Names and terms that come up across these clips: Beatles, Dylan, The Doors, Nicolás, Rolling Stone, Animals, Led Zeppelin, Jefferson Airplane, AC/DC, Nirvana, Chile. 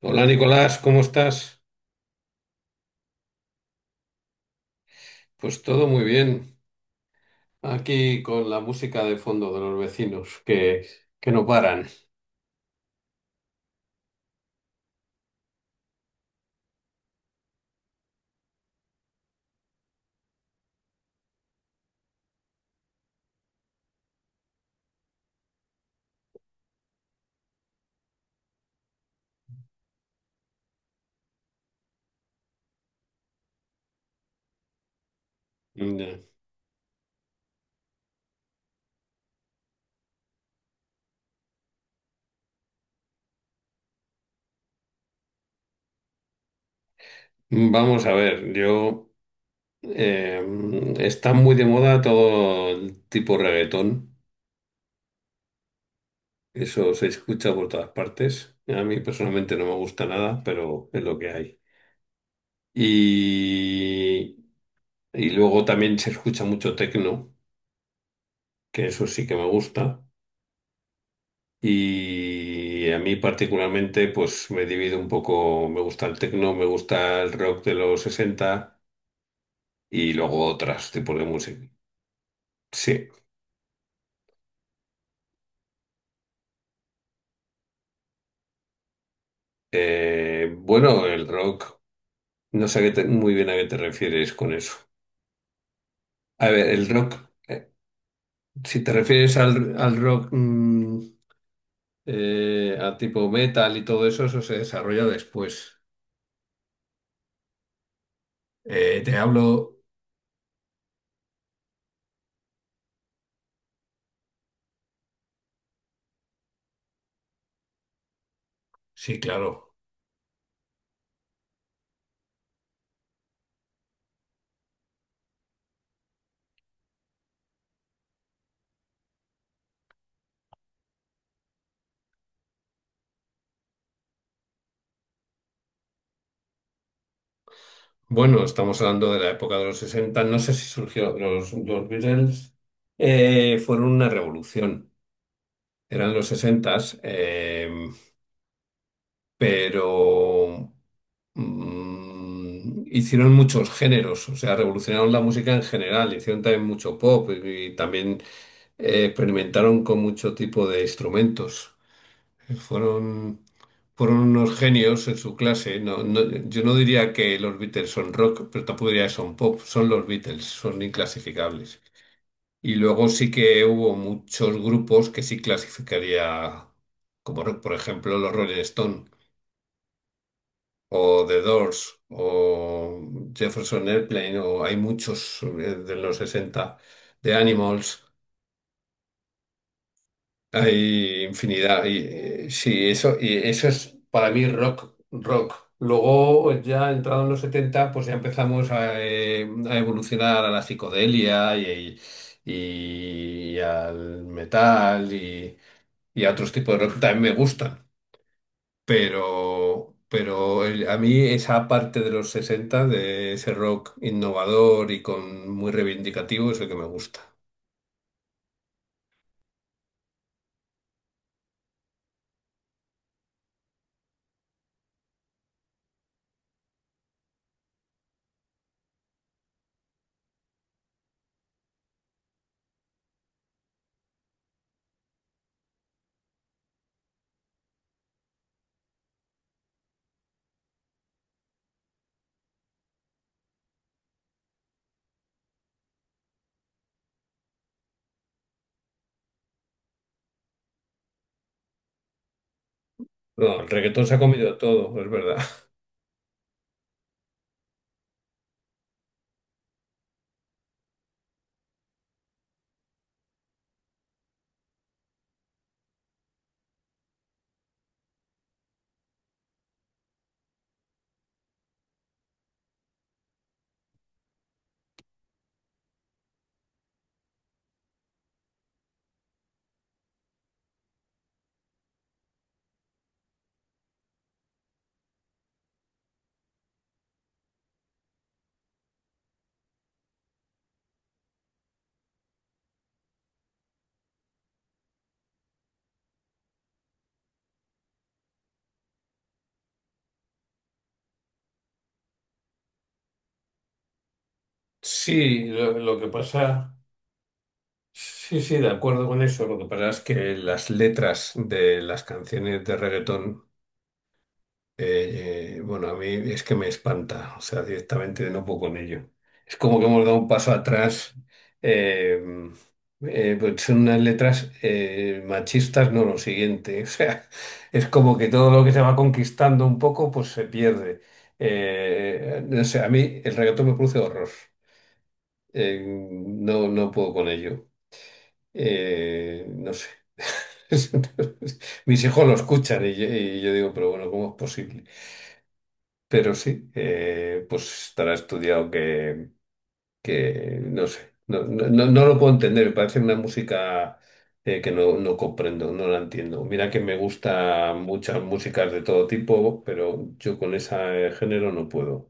Hola Nicolás, ¿cómo estás? Pues todo muy bien. Aquí con la música de fondo de los vecinos que no paran. Ya. Vamos a ver, yo eh, está muy de moda todo el tipo reggaetón. Eso se escucha por todas partes. A mí personalmente no me gusta nada, pero es lo que hay. Y, y luego también se escucha mucho tecno, que eso sí que me gusta. Y a mí particularmente, pues me divido un poco, me gusta el techno, me gusta el rock de los 60 y luego otros tipos de música. Sí. Bueno, el rock, no sé a qué te- muy bien a qué te refieres con eso. A ver, el rock, eh, si te refieres al rock a tipo metal y todo eso, eso se desarrolla después. Te hablo, sí, claro. Bueno, estamos hablando de la época de los 60. No sé si surgió. Los Beatles fueron una revolución. Eran los 60, pero hicieron muchos géneros. O sea, revolucionaron la música en general. Hicieron también mucho pop y también experimentaron con mucho tipo de instrumentos. Fueron, fueron unos genios en su clase. Yo no diría que los Beatles son rock, pero tampoco diría que son pop. Son los Beatles, son inclasificables. Y luego sí que hubo muchos grupos que sí clasificaría como rock, por ejemplo, los Rolling Stone o The Doors o Jefferson Airplane o hay muchos de los 60 de Animals. Hay infinidad. Y, sí, eso, y eso es para mí rock, rock. Luego, pues ya entrado en los 70 pues ya empezamos a evolucionar a la psicodelia y al metal y a otros tipos de rock que también me gustan. A mí esa parte de los 60 de ese rock innovador y con muy reivindicativo, es el que me gusta. No, el reggaetón se ha comido todo, es verdad. Sí, lo que pasa, sí, sí, de acuerdo con eso. Lo que pasa es que las letras de las canciones de reggaetón, bueno, a mí es que me espanta, o sea, directamente no puedo con ello. Es como que hemos dado un paso atrás. eh, pues son unas letras machistas, no lo siguiente. O sea, es como que todo lo que se va conquistando un poco, pues se pierde. No sé, a mí el reggaetón me produce horror. No puedo con ello. No sé. Mis hijos lo escuchan y yo digo, pero bueno, ¿cómo es posible? Pero sí, pues estará estudiado que no sé. No lo puedo entender. Me parece una música que no, no comprendo, no la entiendo. Mira que me gustan muchas músicas de todo tipo, pero yo con ese género no puedo.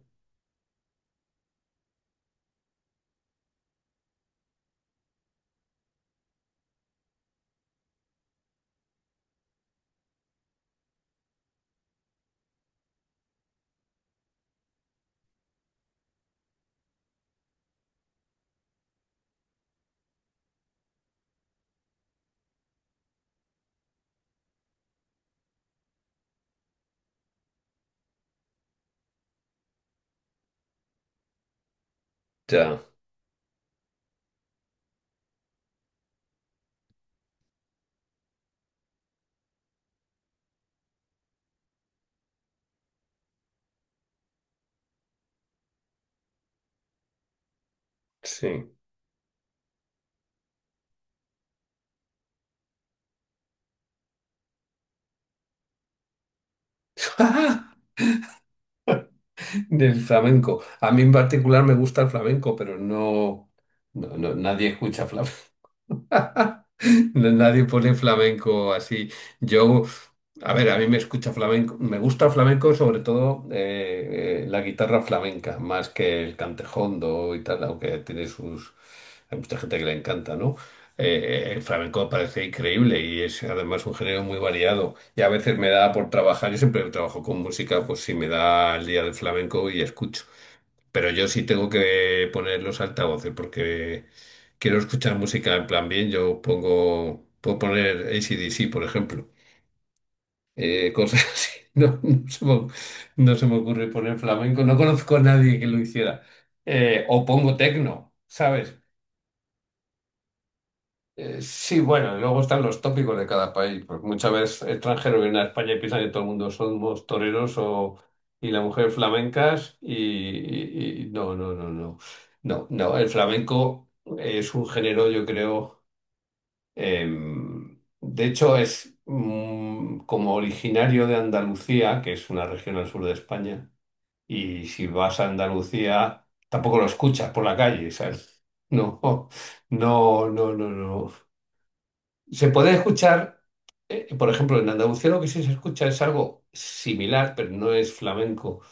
Ya, sí. Del flamenco. A mí en particular me gusta el flamenco, pero nadie escucha flamenco. Nadie pone flamenco así. Yo, a ver, a mí me escucha flamenco, me gusta flamenco sobre todo la guitarra flamenca, más que el cantejondo y tal, aunque tiene sus... Hay mucha gente que le encanta, ¿no? El flamenco parece increíble y es además un género muy variado. Y a veces me da por trabajar, yo siempre trabajo con música, pues si me da el día del flamenco y escucho. Pero yo sí tengo que poner los altavoces porque quiero escuchar música en plan bien. Yo pongo, puedo poner AC/DC, por ejemplo. Cosas así. No se me ocurre poner flamenco. No conozco a nadie que lo hiciera. O pongo tecno, ¿sabes? Sí, bueno, y luego están los tópicos de cada país, porque muchas veces extranjeros vienen a España y piensan que todo el mundo somos toreros o, y la mujer flamencas y no, no, no, no, no, no, el flamenco es un género, yo creo, de hecho es como originario de Andalucía, que es una región al sur de España, y si vas a Andalucía tampoco lo escuchas por la calle, ¿sabes? No, no, no, no, no. Se pueden escuchar, por ejemplo, en Andalucía lo que sí se escucha es algo similar, pero no es flamenco.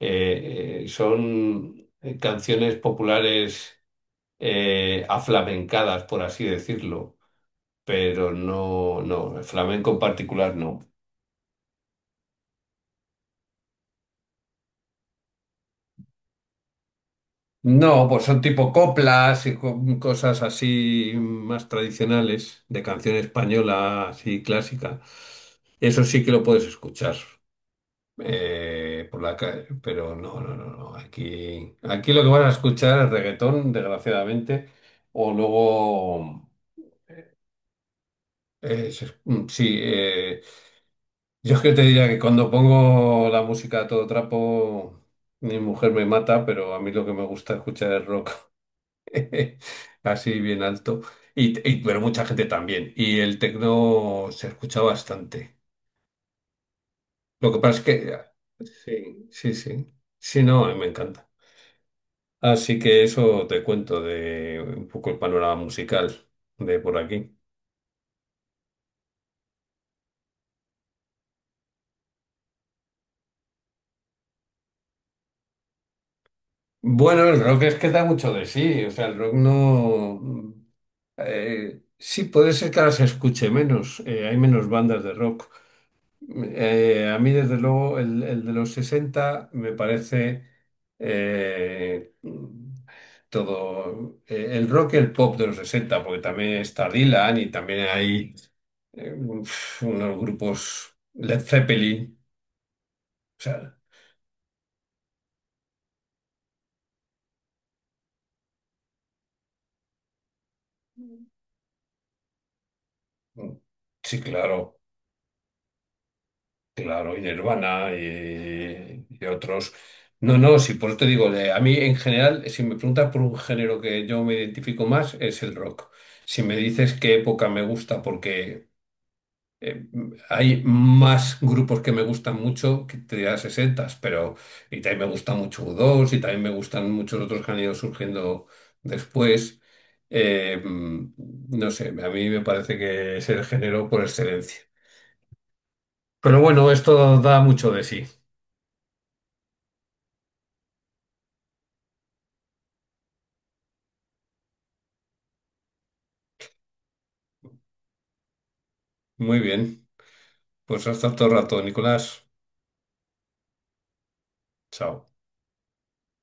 Son canciones populares aflamencadas, por así decirlo, pero no, no, el flamenco en particular no. No, pues son tipo coplas y cosas así más tradicionales, de canción española así clásica. Eso sí que lo puedes escuchar. Eh, por la calle, pero no, no, no, no. Aquí lo que van a escuchar es reggaetón, desgraciadamente, o luego, sí, yo es que te diría que cuando pongo la música a todo trapo, mi mujer me mata, pero a mí lo que me gusta escuchar es rock, así bien alto, pero mucha gente también, y el tecno se escucha bastante. Lo que pasa es que, sí, sí, sí, sí, no, me encanta. Así que eso te cuento de un poco el panorama musical de por aquí. Bueno, el rock es que da mucho de sí, o sea, el rock no... sí, puede ser que ahora se escuche menos, hay menos bandas de rock. A mí, desde luego, el de los 60 me parece eh, todo el rock y el pop de los 60, porque también está Dylan y también hay unos grupos Led Zeppelin. O sea, mm, sí, claro, claro, y Nirvana y otros. No, no, sí, por eso te digo, a mí en general, si me preguntas por un género que yo me identifico más, es el rock. Si me dices qué época me gusta, porque eh, hay más grupos que me gustan mucho que te dirá 60, pero y también me gusta mucho u dos y también me gustan muchos otros que han ido surgiendo después. Eh, mm, no sé, a mí me parece que es el género por excelencia. Pero bueno, esto da mucho de sí. Muy bien. Pues hasta otro rato, Nicolás. Chao.